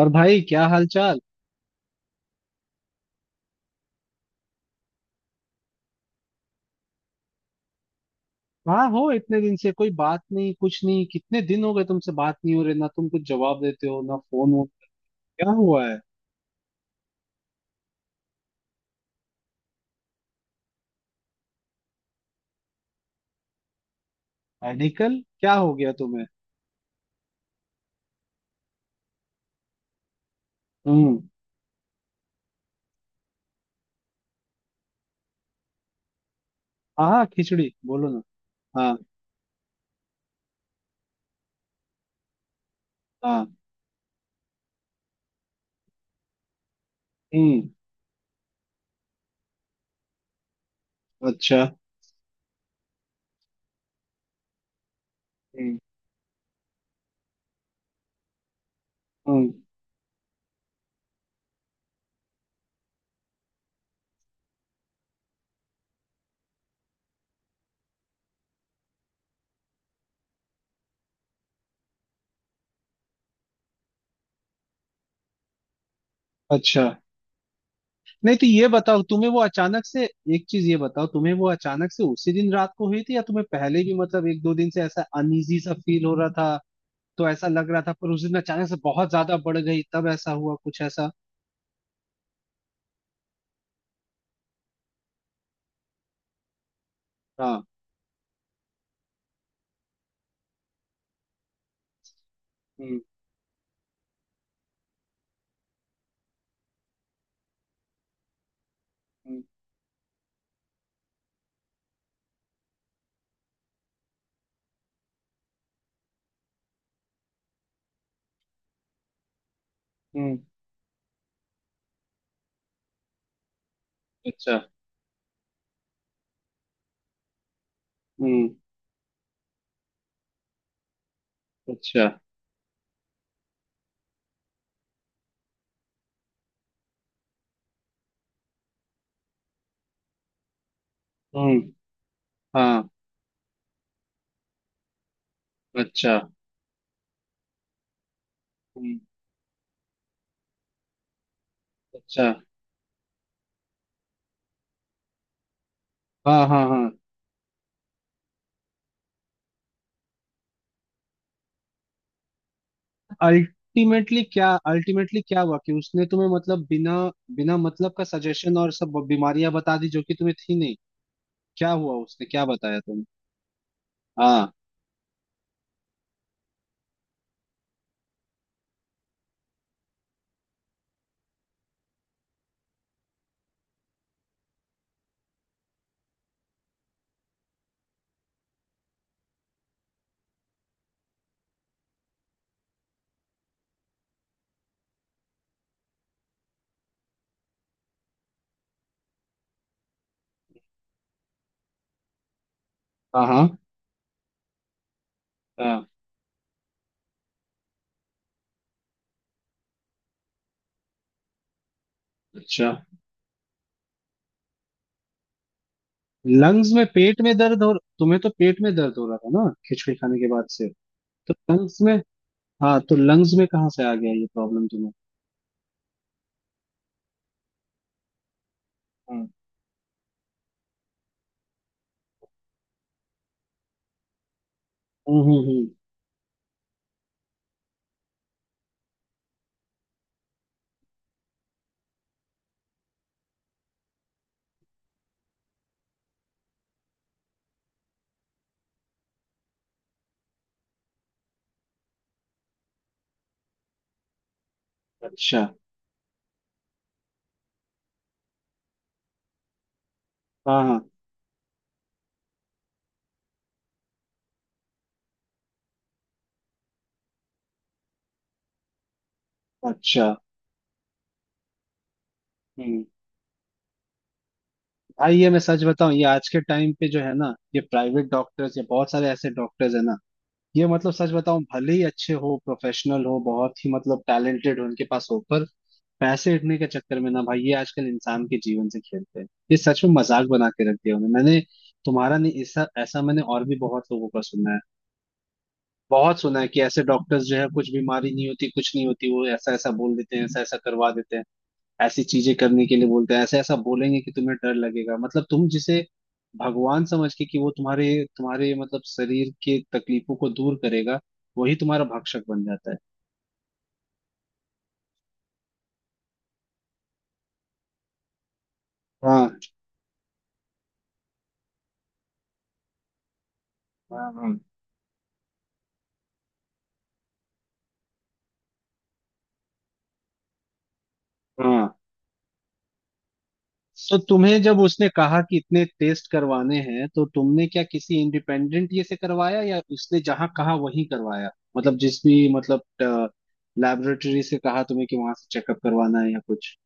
और भाई, क्या हाल चाल? कहाँ हो, इतने दिन से कोई बात नहीं, कुछ नहीं। कितने दिन हो गए तुमसे बात नहीं हो रही, ना तुम कुछ जवाब देते हो ना फोन हो। क्या हुआ है? मेडिकल क्या हो गया तुम्हें? हम्म। हाँ हाँ, खिचड़ी बोलो ना। हाँ। हाँ। हम्म। अच्छा। हम्म। हम्म, अच्छा। नहीं, तो ये बताओ तुम्हें वो अचानक से, एक चीज ये बताओ, तुम्हें वो अचानक से उसी दिन रात को हुई थी, या तुम्हें पहले भी मतलब एक दो दिन से ऐसा अनईजी सा फील हो रहा था, तो ऐसा लग रहा था, पर उस दिन अचानक से बहुत ज्यादा बढ़ गई तब ऐसा हुआ? कुछ ऐसा? हाँ। हम्म। हम्म। हम्म, अच्छा। हम्म। अच्छा। हम्म। हाँ। अच्छा। हम्म। अच्छा। हाँ हाँ हाँ। अल्टीमेटली क्या, अल्टीमेटली क्या हुआ कि उसने तुम्हें मतलब बिना, बिना मतलब का सजेशन और सब बीमारियां बता दी जो कि तुम्हें थी नहीं। क्या हुआ, उसने क्या बताया तुम? हाँ। हाँ हाँ। हाँ। अच्छा। लंग्स में? पेट में दर्द हो, तुम्हें तो पेट में दर्द हो रहा था ना खिचड़ी खाने के बाद से। तो लंग्स में? हाँ, तो लंग्स में कहाँ से आ गया ये प्रॉब्लम तुम्हें? हम्म। हम्म हम्म, हम्म। अच्छा। हाँ हाँ। अच्छा। हम्म। भाई ये मैं सच बताऊं, ये आज के टाइम पे जो है ना, ये प्राइवेट डॉक्टर्स या बहुत सारे ऐसे डॉक्टर्स है ना, ये मतलब सच बताऊं, भले ही अच्छे हो, प्रोफेशनल हो, बहुत ही मतलब टैलेंटेड हो उनके पास हो, पर पैसे इतने के चक्कर में ना भाई, ये आजकल इंसान के जीवन से खेलते हैं। ये सच में मजाक बना के रख दिया उन्होंने। मैंने, तुम्हारा नहीं, ऐसा ऐसा मैंने और भी बहुत लोगों का सुना है। बहुत सुना है कि ऐसे डॉक्टर्स जो है, कुछ बीमारी नहीं होती, कुछ नहीं होती, वो ऐसा ऐसा बोल देते हैं, ऐसा ऐसा करवा देते हैं, ऐसी चीजें करने के लिए बोलते हैं। ऐसा ऐसा बोलेंगे कि तुम्हें डर लगेगा, मतलब तुम जिसे भगवान समझ के कि वो तुम्हारे, तुम्हारे मतलब शरीर के तकलीफों को दूर करेगा, वही तुम्हारा भक्षक बन जाता है। हाँ हाँ। हाँ हाँ। तो तुम्हें जब उसने कहा कि इतने टेस्ट करवाने हैं, तो तुमने क्या किसी इंडिपेंडेंट ये से करवाया, या उसने जहाँ कहा वहीं करवाया? मतलब जिस भी मतलब लैबोरेटरी से कहा तुम्हें कि वहां से चेकअप करवाना है या कुछ?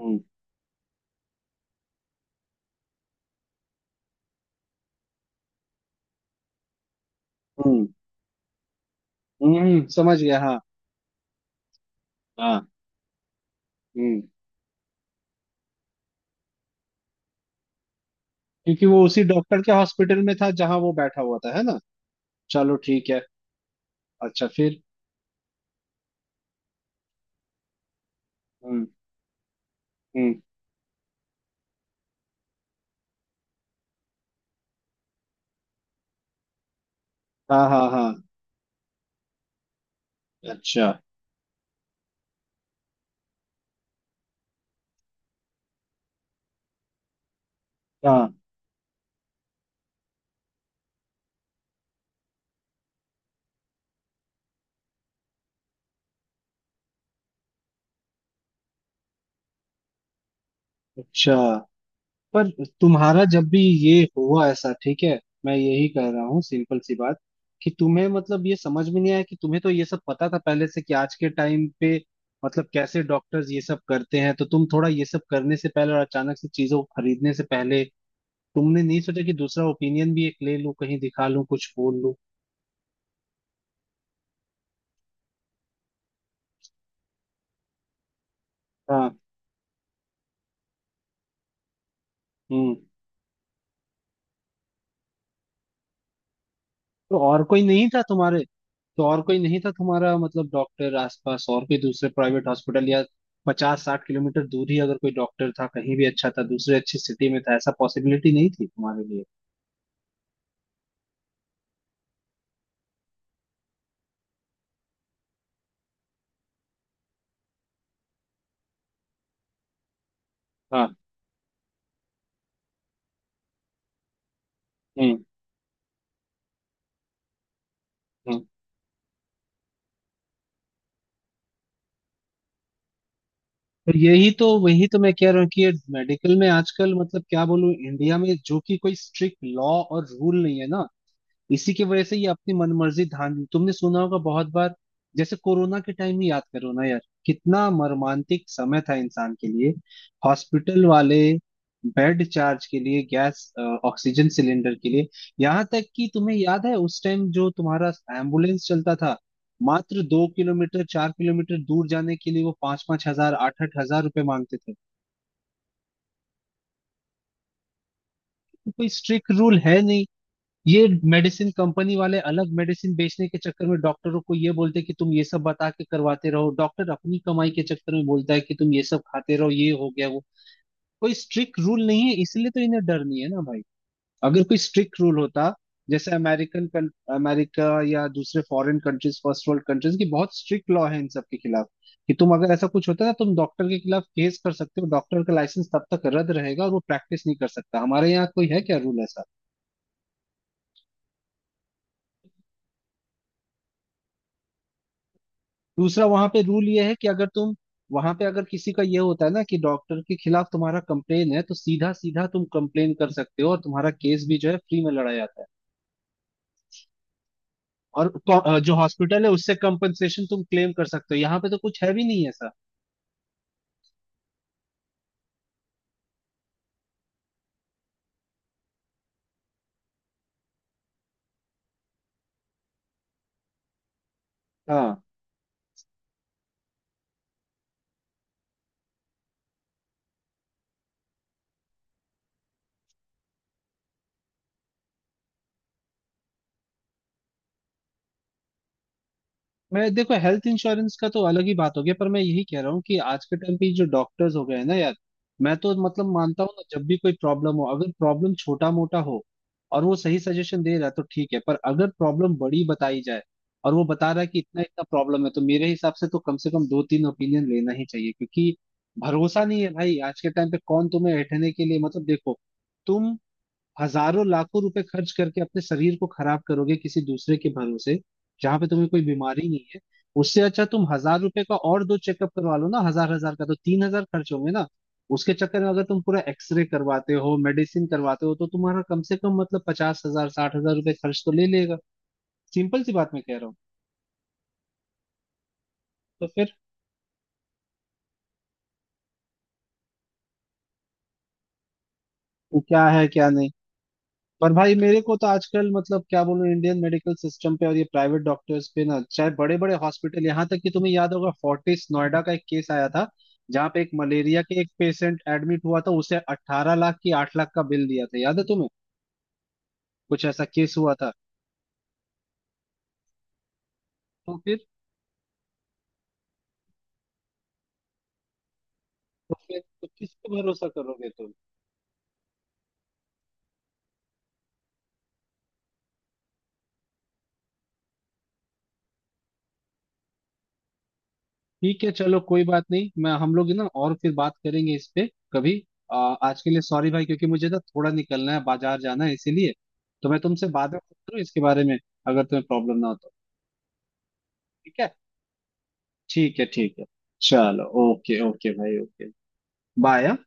हम्म। हम्म। समझ गया, हाँ। हाँ। हम्म। क्योंकि वो उसी डॉक्टर के हॉस्पिटल में था जहां वो बैठा हुआ था, है ना? चलो ठीक है। अच्छा, फिर? हम्म। हम्म। हाँ हाँ हाँ। अच्छा। हाँ। अच्छा। पर तुम्हारा जब भी ये हुआ ऐसा, ठीक है। मैं यही कह रहा हूँ, सिंपल सी बात, कि तुम्हें मतलब ये समझ में नहीं आया कि तुम्हें तो ये सब पता था पहले से कि आज के टाइम पे मतलब कैसे डॉक्टर्स ये सब करते हैं, तो तुम थोड़ा ये सब करने से पहले और अचानक से चीजों को खरीदने से पहले तुमने नहीं सोचा कि दूसरा ओपिनियन भी एक ले लूं, कहीं दिखा लूं, कुछ बोल लूं? हाँ। हम्म। तो और कोई नहीं था तुम्हारे, तो और कोई नहीं था तुम्हारा मतलब डॉक्टर आसपास? और कोई दूसरे प्राइवेट हॉस्पिटल या 50-60 किलोमीटर दूर ही अगर कोई डॉक्टर था कहीं भी अच्छा था, दूसरे अच्छी सिटी में था, ऐसा पॉसिबिलिटी नहीं थी तुम्हारे लिए? हाँ। हम्म। हम्म। तो यही तो, वही तो मैं कह रहा हूँ कि मेडिकल में आजकल मतलब क्या बोलूं, इंडिया में जो कि कोई स्ट्रिक्ट लॉ और रूल नहीं है ना, इसी की वजह से ये अपनी मनमर्जी धान तुमने सुना होगा बहुत बार। जैसे कोरोना के टाइम ही याद करो ना यार, कितना मर्मांतिक समय था इंसान के लिए। हॉस्पिटल वाले बेड चार्ज के लिए, गैस ऑक्सीजन सिलेंडर के लिए, यहाँ तक कि तुम्हें याद है उस टाइम जो तुम्हारा एम्बुलेंस चलता था मात्र 2-4 किलोमीटर दूर जाने के लिए वो पांच पांच हजार आठ आठ हजार रुपए मांगते थे। तो कोई स्ट्रिक्ट रूल है नहीं, ये मेडिसिन कंपनी वाले अलग मेडिसिन बेचने के चक्कर में डॉक्टरों को ये बोलते हैं कि तुम ये सब बता के करवाते रहो, डॉक्टर अपनी कमाई के चक्कर में बोलता है कि तुम ये सब खाते रहो, ये हो गया वो। कोई स्ट्रिक्ट रूल नहीं है इसलिए तो इन्हें डर नहीं है ना भाई। अगर कोई स्ट्रिक्ट रूल होता, जैसे अमेरिकन, अमेरिका या दूसरे foreign countries, first world countries की बहुत स्ट्रिक्ट लॉ है इन सब के खिलाफ कि तुम अगर ऐसा कुछ होता है ना, तुम डॉक्टर के खिलाफ केस कर सकते हो, डॉक्टर का लाइसेंस तब तक रद्द रहेगा और वो प्रैक्टिस नहीं कर सकता। हमारे यहाँ कोई है क्या रूल ऐसा? दूसरा वहां पे रूल ये है कि अगर तुम, वहां पे अगर किसी का ये होता है ना कि डॉक्टर के खिलाफ तुम्हारा कंप्लेन है, तो सीधा सीधा तुम कंप्लेन कर सकते हो और तुम्हारा केस भी जो है फ्री में लड़ा जाता है। और जो हॉस्पिटल है उससे कंपनसेशन तुम क्लेम कर सकते हो, यहाँ पे तो कुछ है भी नहीं ऐसा। हाँ। मैं देखो हेल्थ इंश्योरेंस का तो अलग ही बात हो गया, पर मैं यही कह रहा हूँ कि आज के टाइम पे जो डॉक्टर्स हो गए हैं ना यार, मैं तो मतलब मानता हूँ ना, जब भी कोई प्रॉब्लम हो, अगर प्रॉब्लम छोटा मोटा हो और वो सही सजेशन दे रहा है तो ठीक है, पर अगर प्रॉब्लम बड़ी बताई जाए और वो बता रहा है कि इतना इतना प्रॉब्लम है, तो मेरे हिसाब से तो कम से कम दो तीन ओपिनियन लेना ही चाहिए, क्योंकि भरोसा नहीं है भाई आज के टाइम पे, कौन तुम्हें ऐठने के लिए, मतलब देखो, तुम हजारों लाखों रुपए खर्च करके अपने शरीर को खराब करोगे किसी दूसरे के भरोसे, जहां पे तुम्हें कोई बीमारी नहीं है। उससे अच्छा तुम हजार रुपए का और दो चेकअप करवा लो ना, हजार हजार का तो 3 हजार खर्च होंगे ना। उसके चक्कर में अगर तुम पूरा एक्सरे करवाते हो, मेडिसिन करवाते हो, तो तुम्हारा कम से कम मतलब 50-60 हजार रुपए खर्च तो ले लेगा। सिंपल सी बात मैं कह रहा हूँ। तो फिर, क्या है क्या नहीं। पर भाई मेरे को तो आजकल मतलब क्या बोलूं, इंडियन मेडिकल सिस्टम पे और ये प्राइवेट डॉक्टर्स पे ना, चाहे बड़े बड़े हॉस्पिटल, यहाँ तक कि तुम्हें याद होगा फोर्टिस नोएडा का एक केस आया था जहाँ पे एक मलेरिया के एक पेशेंट एडमिट हुआ था, उसे 18 लाख की 8 लाख का बिल दिया था, याद है तुम्हें? कुछ ऐसा केस हुआ था। तो फिर तो फिर तो किस पे भरोसा करोगे तुम? ठीक है चलो, कोई बात नहीं। मैं हम लोग ना और फिर बात करेंगे इस पे कभी। आज के लिए सॉरी भाई, क्योंकि मुझे ना थोड़ा निकलना है, बाजार जाना है, इसीलिए तो मैं तुमसे बाद में बात करूँ इसके बारे में, अगर तुम्हें प्रॉब्लम ना हो तो। ठीक है। ठीक है, ठीक है। चलो, ओके ओके भाई, ओके। बाय, हाँ?